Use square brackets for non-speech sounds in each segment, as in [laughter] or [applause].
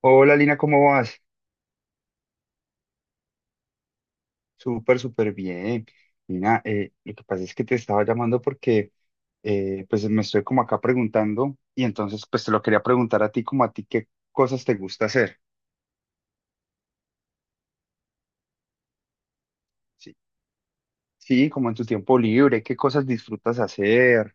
Hola Lina, ¿cómo vas? Súper, súper bien. Lina, lo que pasa es que te estaba llamando porque pues me estoy como acá preguntando y entonces pues te lo quería preguntar a ti como a ti qué cosas te gusta hacer. Sí, sí, como en tu tiempo libre, qué cosas disfrutas hacer.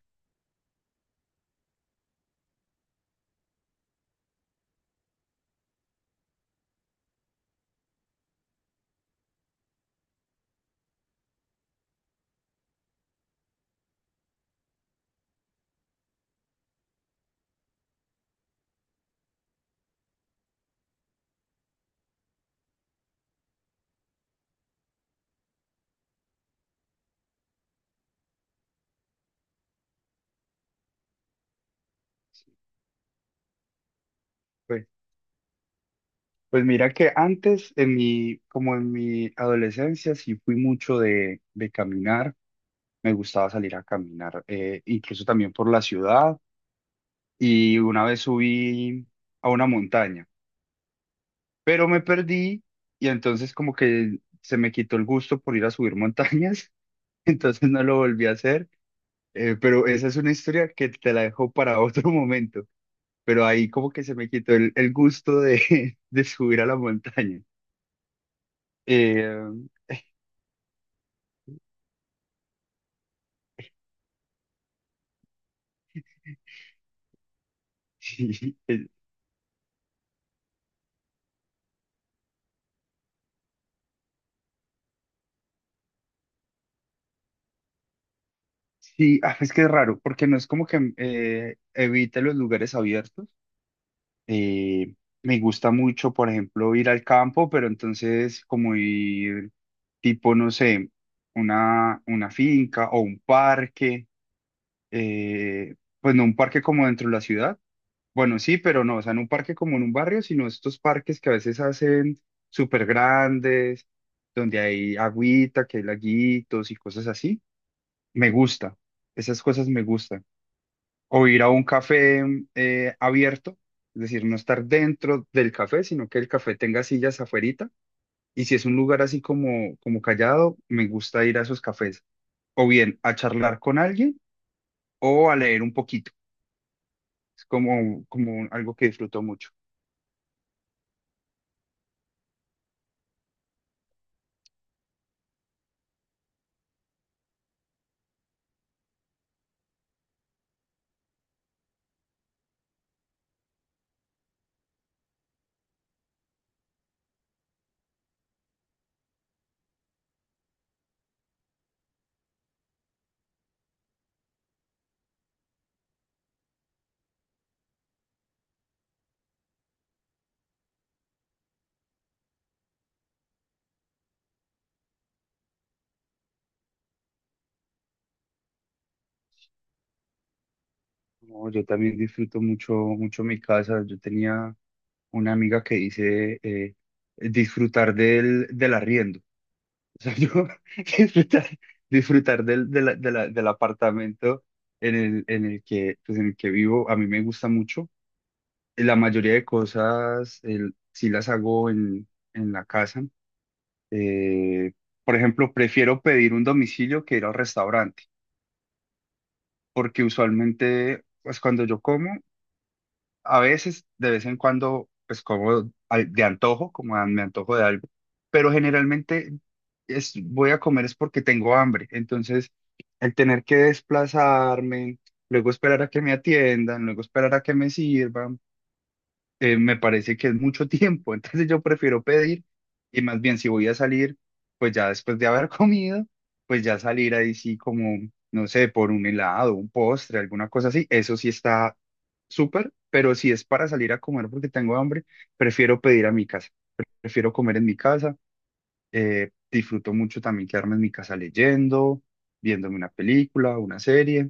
Sí, pues, pues mira que antes como en mi adolescencia sí fui mucho de caminar, me gustaba salir a caminar, incluso también por la ciudad y una vez subí a una montaña. Pero me perdí y entonces como que se me quitó el gusto por ir a subir montañas, [laughs] entonces no lo volví a hacer, pero esa es una historia que te la dejo para [laughs] otro momento, pero ahí como que se me quitó el gusto [laughs] de subir a la montaña. Eh, [laughs] sí, sí, ah, es que es raro, porque no es como que evite los lugares abiertos. Eh, Me gusta mucho, por ejemplo, ir al campo, pero entonces como ir tipo, no sé, una finca o un parque, eh, pues no un parque como dentro de la ciudad, bueno, sí, pero no, o sea, no un parque como en un barrio, sino estos parques que a veces hacen súper grandes, donde hay agüita, que hay laguitos y cosas así. Me gusta, esas cosas me gustan o ir a un café abierto, es decir, no estar dentro del café, sino que el café tenga sillas afuerita. Y si es un lugar así como, como callado, me gusta ir a esos cafés. O bien a charlar con alguien o a leer un poquito. Es como, como algo que disfruto mucho. No, yo también disfruto mucho, mucho mi casa. Yo tenía una amiga que dice disfrutar del arriendo. O sea, yo [laughs] disfrutar, disfrutar del, del apartamento en el que, pues en el que vivo, a mí me gusta mucho. La mayoría de cosas el, sí las hago en la casa. Eh, por ejemplo, prefiero pedir un domicilio que ir al restaurante, porque usualmente, pues cuando yo como, a veces, de vez en cuando, pues como de antojo, como me antojo de algo, pero generalmente es, voy a comer es porque tengo hambre. Entonces, el tener que desplazarme, luego esperar a que me atiendan, luego esperar a que me sirvan me parece que es mucho tiempo, [laughs] entonces yo prefiero pedir y más bien si voy a salir, pues ya después de haber [laughs] comido, pues ya salir ahí sí como, no sé, por un helado, un postre, alguna cosa así, eso sí está súper, pero si es para salir a comer porque tengo hambre, prefiero pedir a mi casa, prefiero comer en mi casa, disfruto mucho también quedarme en mi casa leyendo, viéndome una película, una serie.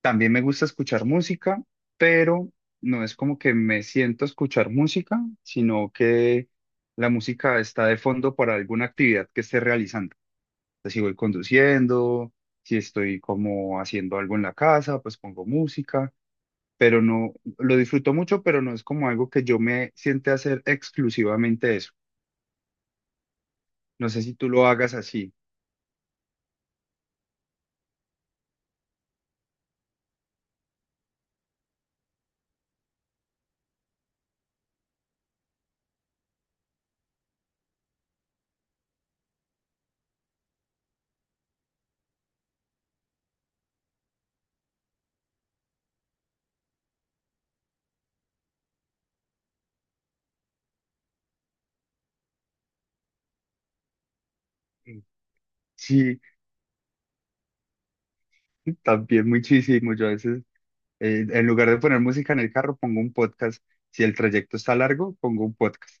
También me gusta escuchar música, pero no es como que me siento a escuchar música, sino que la música está de fondo para alguna actividad que esté realizando. Entonces, si voy conduciendo, si estoy como haciendo algo en la casa, pues pongo música, pero no, lo disfruto mucho, pero no es como algo que yo me siente a hacer exclusivamente eso. No sé si tú lo hagas así. Sí, también muchísimo. Yo a veces en lugar de poner música en el carro, pongo un podcast. Si el trayecto está largo, pongo un podcast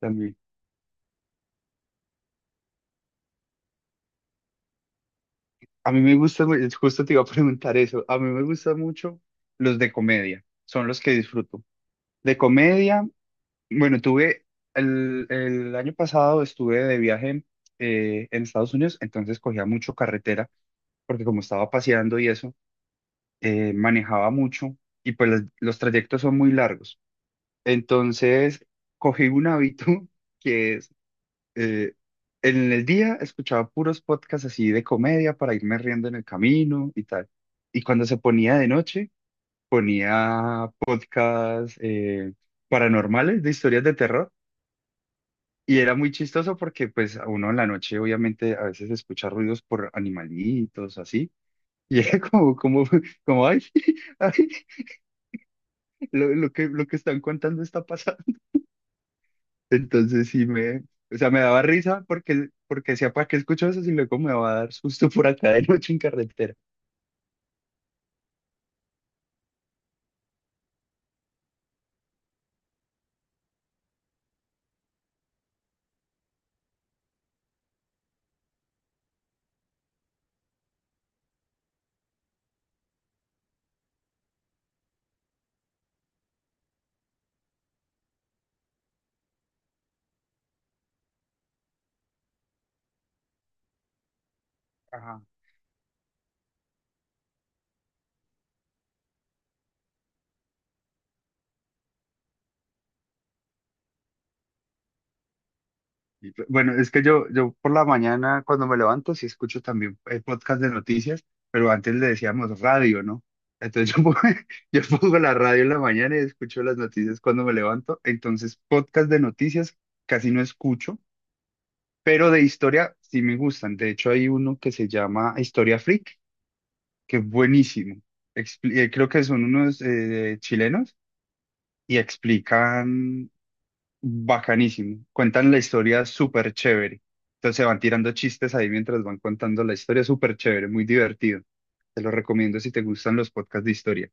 también. A mí me gusta, es justo te iba a preguntar eso, a mí me gustan mucho los de comedia, son los que disfruto. De comedia, bueno, tuve, el año pasado estuve de viaje en Estados Unidos, entonces cogía mucho carretera, porque como estaba paseando y eso, manejaba mucho y pues los trayectos son muy largos. Entonces, cogí un hábito. [laughs] Que es eh, en el día escuchaba puros podcasts así de comedia para irme riendo en el camino y tal. Y cuando se ponía de noche, ponía podcasts paranormales de historias de terror. Y era muy chistoso porque pues a uno en la noche obviamente a veces escucha ruidos por animalitos, así. [laughs] Y era como, como, como, ay, [laughs] ay, lo, lo que están contando está. Entonces sí me, o sea, me daba risa porque, porque decía, ¿para qué escucho eso si luego me va a dar susto por acá de noche en carretera? Ajá. Y, pues, bueno, es que yo por la mañana cuando me levanto sí escucho también el podcast de noticias, pero antes le decíamos radio, ¿no? Entonces yo pongo, [laughs] yo pongo la radio en la mañana y escucho las noticias cuando me levanto. Entonces podcast de noticias casi no escucho, pero de historia sí me gustan. De hecho hay uno que se llama Historia Freak que es buenísimo. Creo que son unos chilenos y explican bacanísimo. Cuentan la historia súper chévere. Entonces van tirando chistes ahí mientras van contando la historia, súper chévere, muy divertido. Te lo recomiendo si te gustan los podcasts de historia.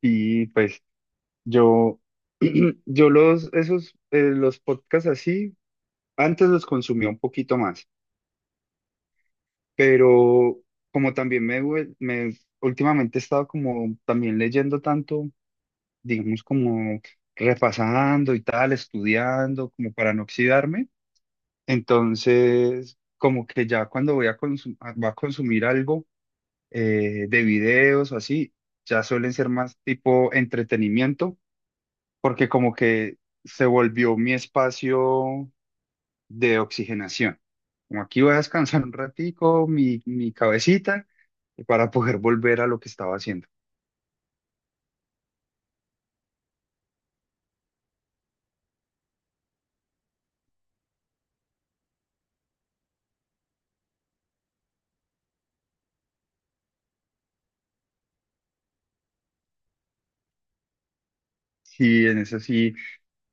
Y pues yo, [clears throat] yo los, esos, los podcasts así, antes los consumía un poquito más, pero como también me, últimamente he estado como también leyendo tanto digamos, como repasando y tal, estudiando, como para no oxidarme. Entonces, como que ya cuando voy a, va a consumir algo de videos o así, ya suelen ser más tipo entretenimiento, porque como que se volvió mi espacio de oxigenación. Como aquí voy a descansar un ratico, mi cabecita, para poder volver a lo que estaba haciendo. Sí, en eso sí.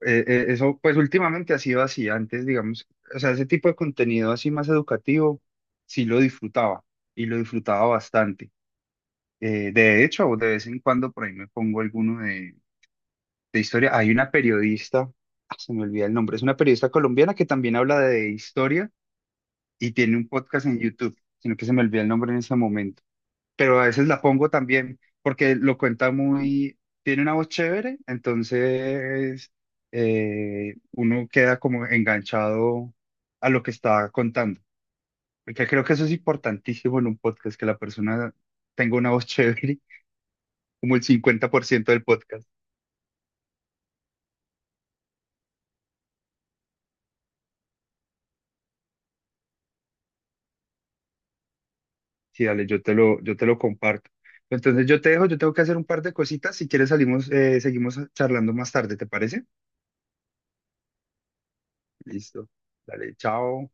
eso pues últimamente ha sido así. Antes, digamos, o sea, ese tipo de contenido así más educativo, sí lo disfrutaba y lo disfrutaba bastante. De hecho, de vez en cuando por ahí me pongo alguno de historia. Hay una periodista, ah, se me olvida el nombre, es una periodista colombiana que también habla de historia y tiene un podcast en YouTube, sino que se me olvida el nombre en ese momento, pero a veces la pongo también porque lo cuenta muy, tiene una voz chévere, entonces uno queda como enganchado a lo que está contando, porque creo que eso es importantísimo en un podcast, que la persona tenga una voz chévere, [laughs] como el 50% del podcast. Sí, dale, yo te lo comparto. Entonces yo te dejo, yo tengo que hacer un par de cositas, si quieres salimos, seguimos charlando más tarde, ¿te parece? Listo. Dale, chao.